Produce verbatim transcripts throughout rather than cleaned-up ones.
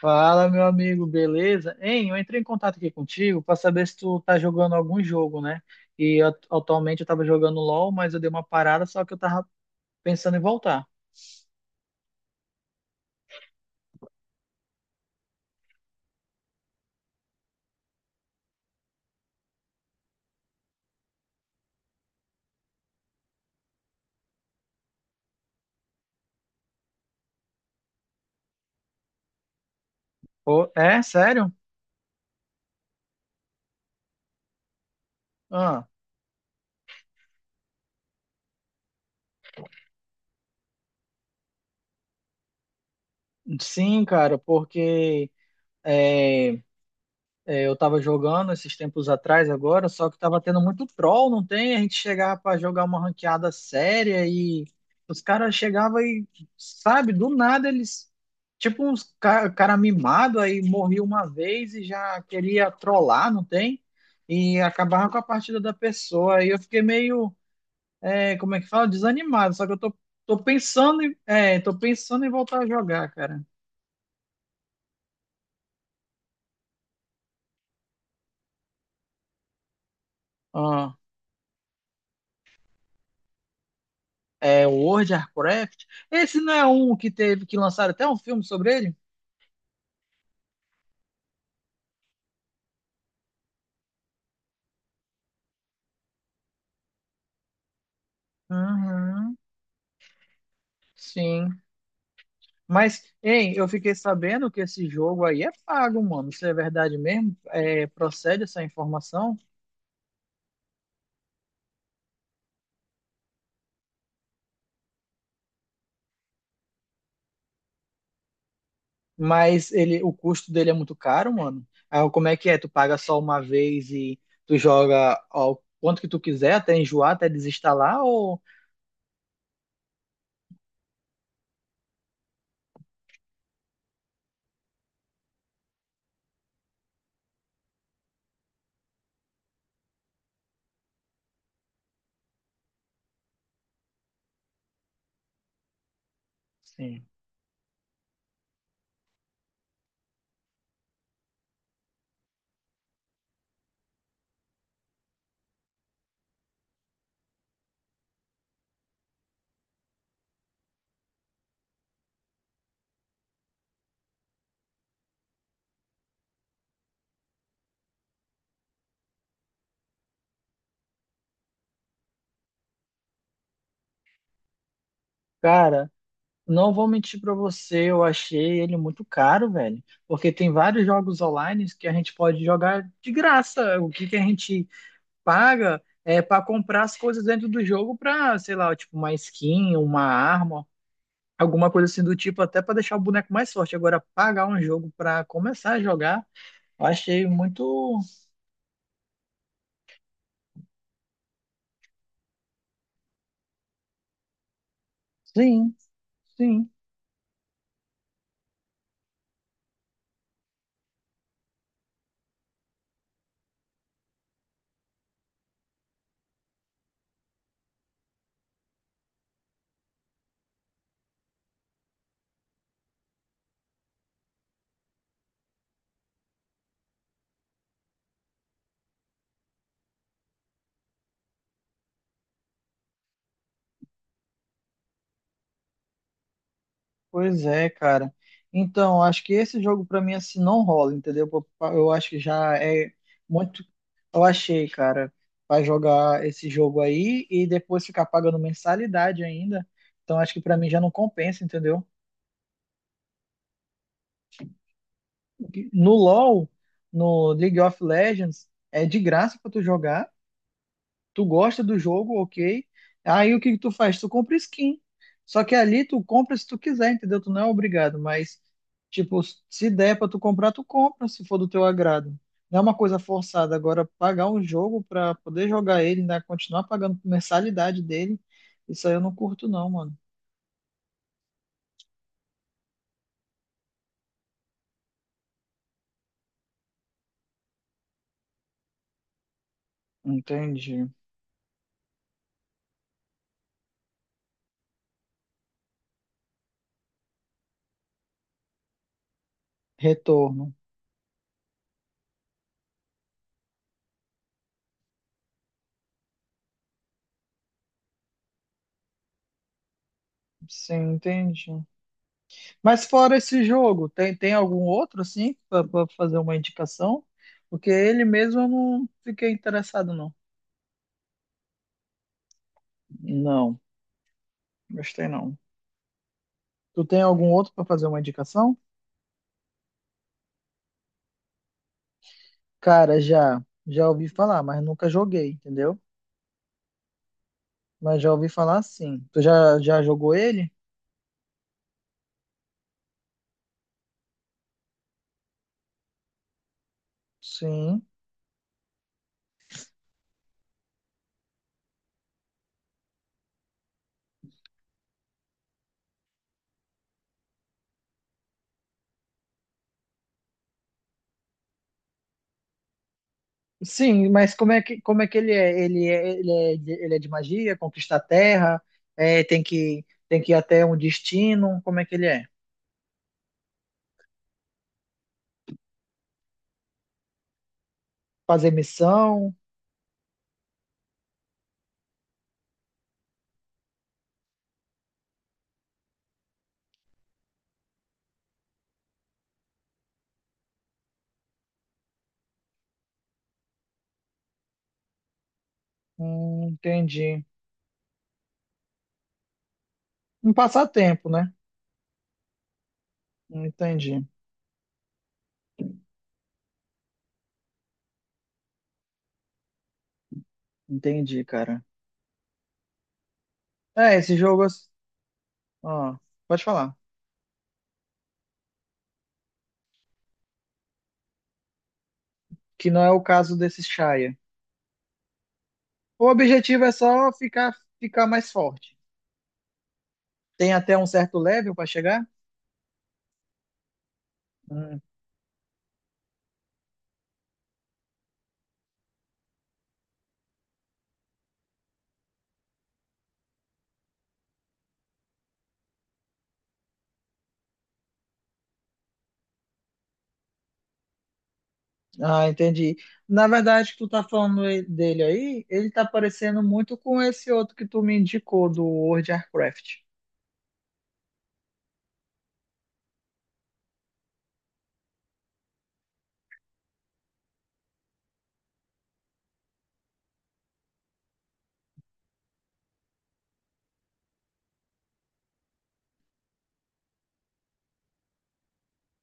Fala, meu amigo, beleza? Hein, eu entrei em contato aqui contigo para saber se tu tá jogando algum jogo, né? E at- atualmente eu tava jogando LOL, mas eu dei uma parada, só que eu tava pensando em voltar. Pô, é? Sério? Ah, sim, cara, porque eh, É, eu tava jogando esses tempos atrás agora, só que tava tendo muito troll, não tem? A gente chegava pra jogar uma ranqueada séria e os caras chegavam e, sabe, do nada eles, tipo uns ca- cara, mimado, aí morria uma vez e já queria trollar, não tem? E acabava com a partida da pessoa. Aí eu fiquei meio, é, como é que fala? Desanimado, só que eu tô, tô pensando em, é, tô pensando em voltar a jogar, cara. É, World of Warcraft. Esse não é um que teve que lançar até um filme sobre ele? Uhum, sim. Mas, hein, eu fiquei sabendo que esse jogo aí é pago, mano. Isso é verdade mesmo? É, procede essa informação? Mas ele, o custo dele é muito caro, mano. Ah, como é que é? Tu paga só uma vez e tu joga ao quanto que tu quiser, até enjoar, até desinstalar ou. Sim. Cara, não vou mentir pra você, eu achei ele muito caro, velho. Porque tem vários jogos online que a gente pode jogar de graça. O que que a gente paga é pra comprar as coisas dentro do jogo pra, sei lá, tipo uma skin, uma arma, alguma coisa assim do tipo, até pra deixar o boneco mais forte. Agora, pagar um jogo pra começar a jogar, eu achei muito. Sim, sim. Pois é, cara. Então, acho que esse jogo pra mim assim não rola, entendeu? Eu acho que já é muito. Eu achei, cara, vai jogar esse jogo aí e depois ficar pagando mensalidade ainda. Então, acho que pra mim já não compensa, entendeu? No LoL, no League of Legends, é de graça pra tu jogar. Tu gosta do jogo, ok. Aí o que que tu faz? Tu compra skin. Só que ali tu compra se tu quiser, entendeu? Tu não é obrigado, mas tipo, se der pra tu comprar, tu compra, se for do teu agrado. Não é uma coisa forçada. Agora, pagar um jogo pra poder jogar ele, né? Continuar pagando mensalidade dele, isso aí eu não curto não, mano. Entendi. Retorno. Sim, entendi. Mas fora esse jogo, tem, tem algum outro, assim, pra pra fazer uma indicação? Porque ele mesmo eu não fiquei interessado, não. Não, gostei não. Tu tem algum outro pra fazer uma indicação? Cara, já, já ouvi falar, mas nunca joguei, entendeu? Mas já ouvi falar sim. Tu já, já jogou ele? Sim. Sim, mas como é que, como é que ele é? Ele é, ele é, de- ele é de magia, conquista a terra, é, tem que, tem que ir até um destino, como é que ele é? Fazer missão? Hum, entendi. Um passatempo, né? Entendi, entendi, cara. É, esse jogo. ass- Ah, pode falar. Que não é o caso desse Shaya. O objetivo é só ficar, ficar mais forte. Tem até um certo level para chegar? Hum, Ah, entendi. Na verdade, que tu tá falando e- dele aí, ele tá parecendo muito com esse outro que tu me indicou do World of Warcraft.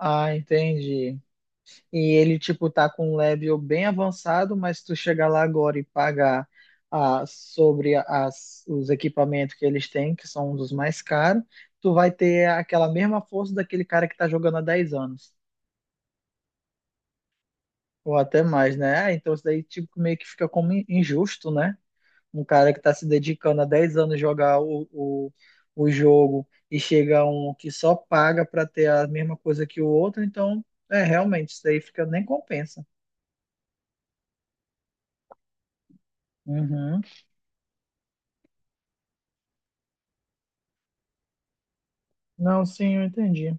Ah, entendi. E ele, tipo, tá com um level bem avançado, mas tu chegar lá agora e pagar, ah, sobre as, os equipamentos que eles têm, que são um dos mais caros, tu vai ter aquela mesma força daquele cara que tá jogando há dez anos, ou até mais, né? Ah, então isso daí, tipo, meio que fica como in- injusto, né? Um cara que tá se dedicando há dez anos a jogar o, o, o jogo e chega um que só paga pra ter a mesma coisa que o outro, então, é, realmente, isso daí fica, nem compensa. Uhum. Não, sim, eu entendi.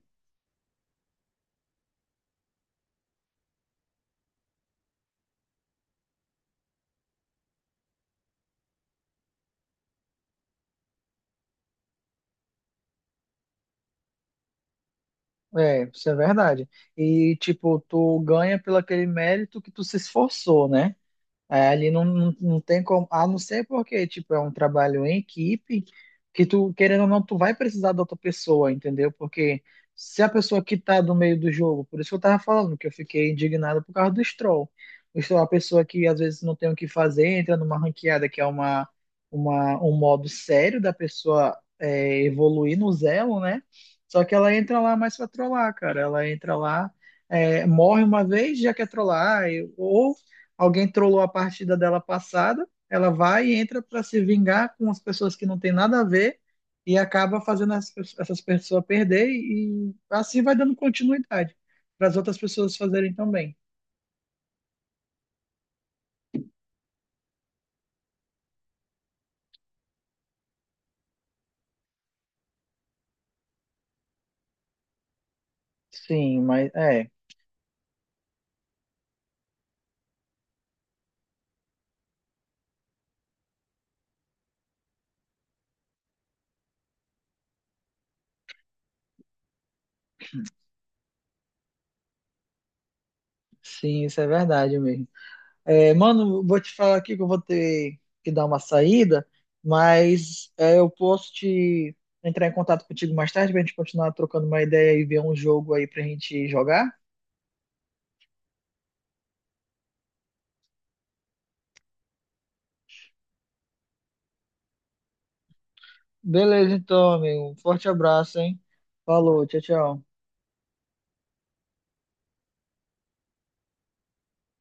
É, isso é verdade. E, tipo, tu ganha pelo aquele mérito que tu se esforçou, né? É, ali não, não, não tem como, a não ser porque, tipo, é um trabalho em equipe, que tu, querendo ou não, tu vai precisar da outra pessoa, entendeu? Porque se a pessoa que tá do meio do jogo, por isso que eu tava falando que eu fiquei indignado por causa do Stroll. O Stroll é uma pessoa que às vezes não tem o que fazer, entra numa ranqueada que é uma, uma, um modo sério da pessoa é, evoluir no Zelo, né? Só que ela entra lá mais pra trollar, cara. Ela entra lá, é, morre uma vez, já quer trollar, e- ou alguém trollou a partida dela passada, ela vai e entra para se vingar com as pessoas que não tem nada a ver e acaba fazendo as pe- essas pessoas perder e assim vai dando continuidade para as outras pessoas fazerem também. Sim, mas é, sim, isso é verdade mesmo. É, mano, vou te falar aqui que eu vou ter que dar uma saída, mas é, eu posso te entrar em contato contigo mais tarde pra gente continuar trocando uma ideia e ver um jogo aí pra gente jogar? Beleza, então, amigo. Um forte abraço, hein? Falou, tchau, tchau.